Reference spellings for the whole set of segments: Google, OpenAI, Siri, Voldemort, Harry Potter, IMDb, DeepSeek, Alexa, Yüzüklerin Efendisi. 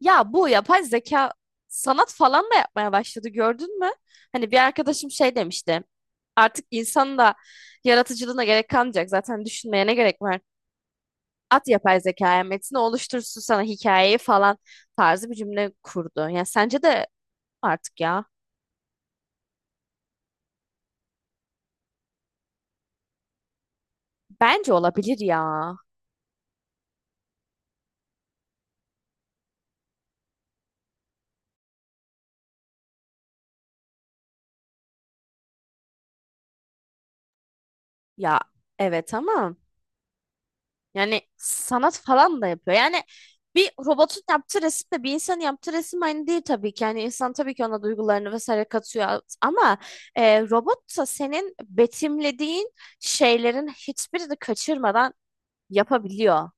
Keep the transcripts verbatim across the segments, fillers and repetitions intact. Ya, bu yapay zeka sanat falan da yapmaya başladı, gördün mü? Hani bir arkadaşım şey demişti. Artık insanın da yaratıcılığına gerek kalmayacak. Zaten düşünmeye ne gerek var? At yapay zekaya metni oluştursun, sana hikayeyi falan tarzı bir cümle kurdu. Yani sence de artık ya. Bence olabilir ya. Ya evet ama yani sanat falan da yapıyor. Yani bir robotun yaptığı resimle bir insanın yaptığı resim aynı değil tabii ki. Yani insan tabii ki ona duygularını vesaire katıyor. Ama e, robot da senin betimlediğin şeylerin hiçbirini kaçırmadan yapabiliyor.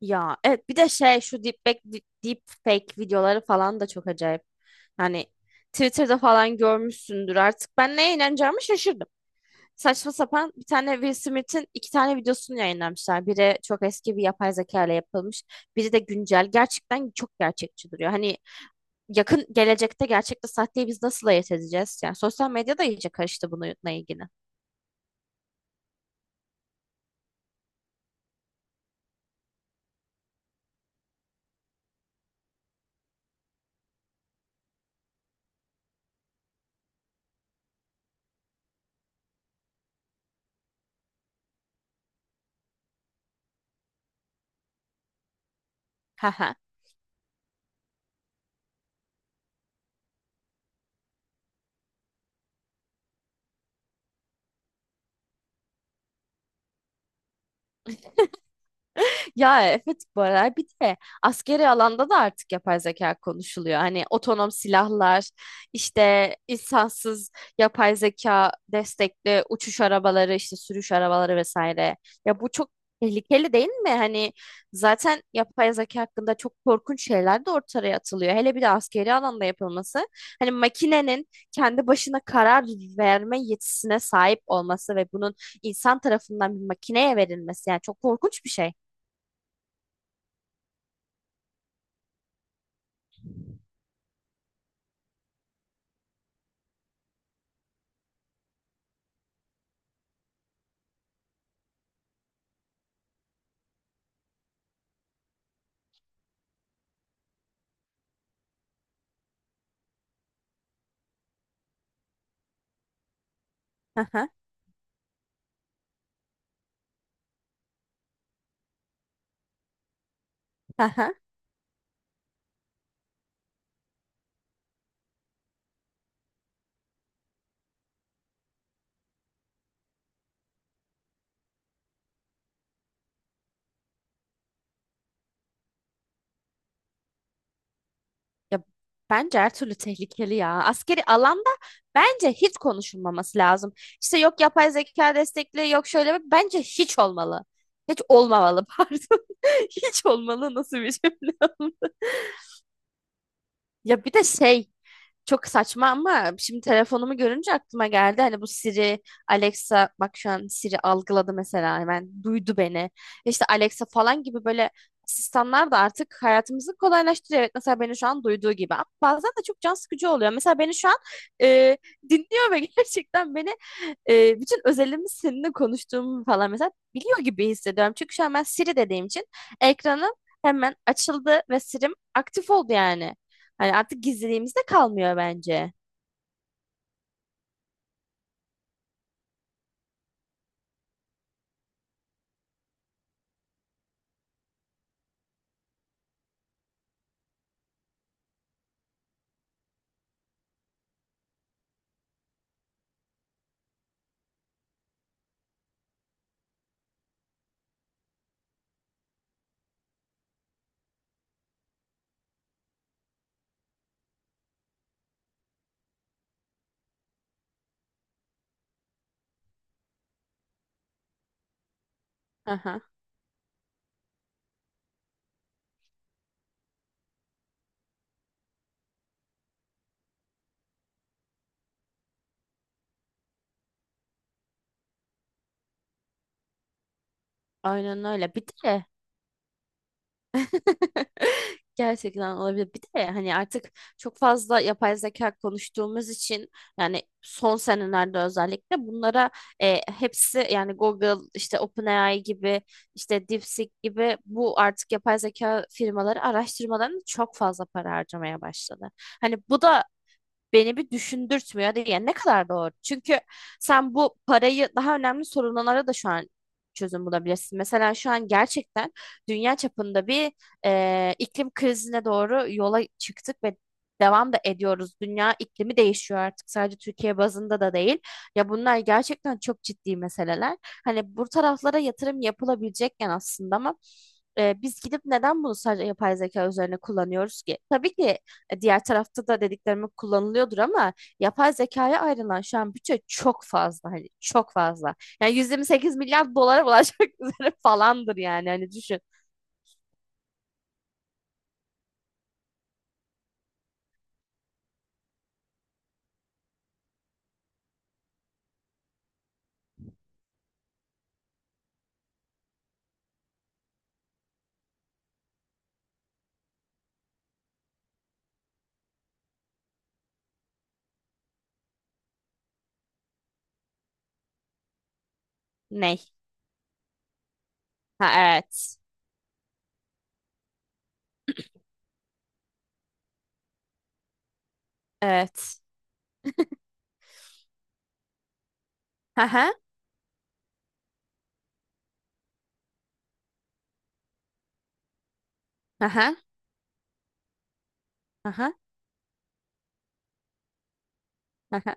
Ya evet, bir de şey şu deepfake, deepfake videoları falan da çok acayip. Hani Twitter'da falan görmüşsündür artık. Ben neye inanacağımı şaşırdım. Saçma sapan bir tane Will Smith'in iki tane videosunu yayınlamışlar. Biri çok eski, bir yapay zeka ile yapılmış. Biri de güncel. Gerçekten çok gerçekçi duruyor. Hani yakın gelecekte gerçekte sahteyi biz nasıl ayırt edeceğiz? Yani sosyal medya da iyice karıştı bununla ilgili. Ya evet, bu aralar bir de askeri alanda da artık yapay zeka konuşuluyor. Hani otonom silahlar, işte insansız yapay zeka destekli uçuş arabaları, işte sürüş arabaları vesaire. Ya bu çok tehlikeli değil mi? Hani zaten yapay zeka hakkında çok korkunç şeyler de ortaya atılıyor. Hele bir de askeri alanda yapılması. Hani makinenin kendi başına karar verme yetisine sahip olması ve bunun insan tarafından bir makineye verilmesi, yani çok korkunç bir şey. Hı hı, hı hı. Ya bence her türlü tehlikeli ya. Askeri alanda bence hiç konuşulmaması lazım. İşte yok yapay zeka destekli, yok şöyle bir- bence hiç olmalı. Hiç olmamalı pardon. Hiç olmalı nasıl bir cümle? Ya bir de şey, çok saçma ama şimdi telefonumu görünce aklıma geldi. Hani bu Siri, Alexa, bak şu an Siri algıladı mesela, hemen duydu beni. İşte Alexa falan gibi böyle asistanlar da artık hayatımızı kolaylaştırıyor. Evet, mesela beni şu an duyduğu gibi, ama bazen de çok can sıkıcı oluyor. Mesela beni şu an e, dinliyor ve gerçekten beni e, bütün özelimi seninle konuştuğumu falan mesela biliyor gibi hissediyorum. Çünkü şu an ben Siri dediğim için ekranım hemen açıldı ve Siri'm aktif oldu yani. Hani artık gizliliğimiz de kalmıyor bence. Aha, aynen öyle. Bir de gerçekten olabilir. Bir de hani artık çok fazla yapay zeka konuştuğumuz için, yani son senelerde özellikle bunlara e, hepsi yani Google, işte OpenAI gibi, işte DeepSeek gibi bu artık yapay zeka firmaları araştırmalarını çok fazla para harcamaya başladı. Hani bu da beni bir düşündürtmüyor diye, ne kadar doğru. Çünkü sen bu parayı daha önemli sorunlara da şu an çözüm bulabilirsin. Mesela şu an gerçekten dünya çapında bir e, iklim krizine doğru yola çıktık ve devam da ediyoruz. Dünya iklimi değişiyor artık, sadece Türkiye bazında da değil. Ya bunlar gerçekten çok ciddi meseleler. Hani bu taraflara yatırım yapılabilecekken aslında, ama e, biz gidip neden bunu sadece yapay zeka üzerine kullanıyoruz ki? Tabii ki e, diğer tarafta da dediklerimi kullanılıyordur ama yapay zekaya ayrılan şu an bütçe çok fazla, hani çok fazla. Yani yüz yirmi sekiz milyar dolara ulaşmak üzere falandır yani, hani düşün. Ney? Ha evet. Evet. Aha. Aha. Aha. Aha.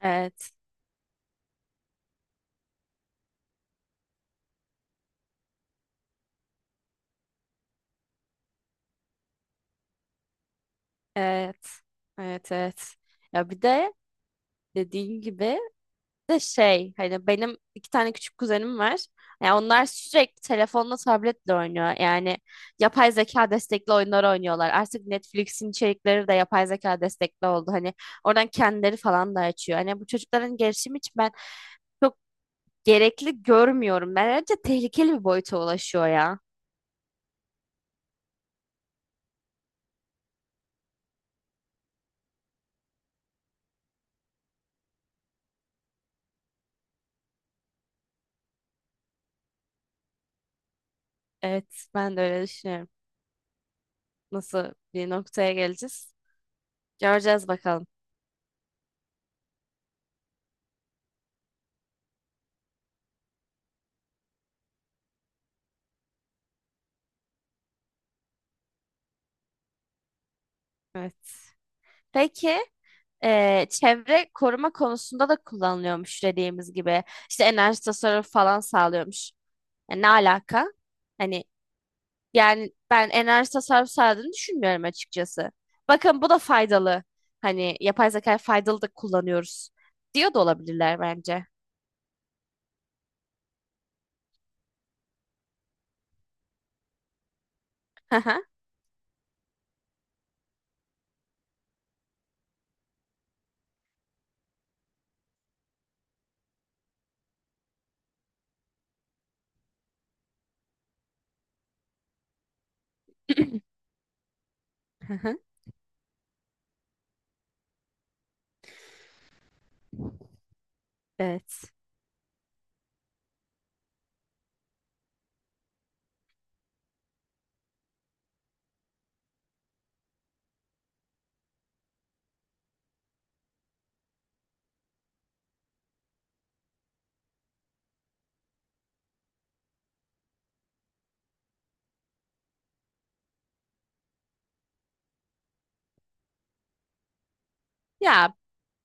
Evet. Evet. Evet. Evet. Ya bir de dediğin gibi de şey, hani benim iki tane küçük kuzenim var. Yani onlar sürekli telefonla, tabletle oynuyor. Yani yapay zeka destekli oyunlar oynuyorlar. Artık Netflix'in içerikleri de yapay zeka destekli oldu. Hani oradan kendileri falan da açıyor. Hani bu çocukların gelişimi için ben çok gerekli görmüyorum. Bence tehlikeli bir boyuta ulaşıyor ya. Evet, ben de öyle düşünüyorum. Nasıl bir noktaya geleceğiz? Göreceğiz bakalım. Evet. Peki, eee, çevre koruma konusunda da kullanılıyormuş dediğimiz gibi. İşte enerji tasarrufu falan sağlıyormuş. Yani ne alaka? Hani yani ben enerji tasarrufu sağladığını düşünmüyorum açıkçası. Bakın, bu da faydalı. Hani yapay zeka faydalı da, kullanıyoruz diyor da olabilirler bence. Hı hı. Hı hı. Evet. Ya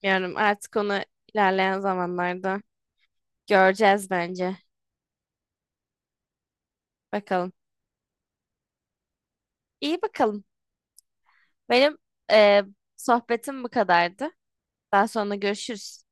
bilmiyorum, artık onu ilerleyen zamanlarda göreceğiz bence. Bakalım. İyi bakalım. Benim e, sohbetim bu kadardı. Daha sonra görüşürüz.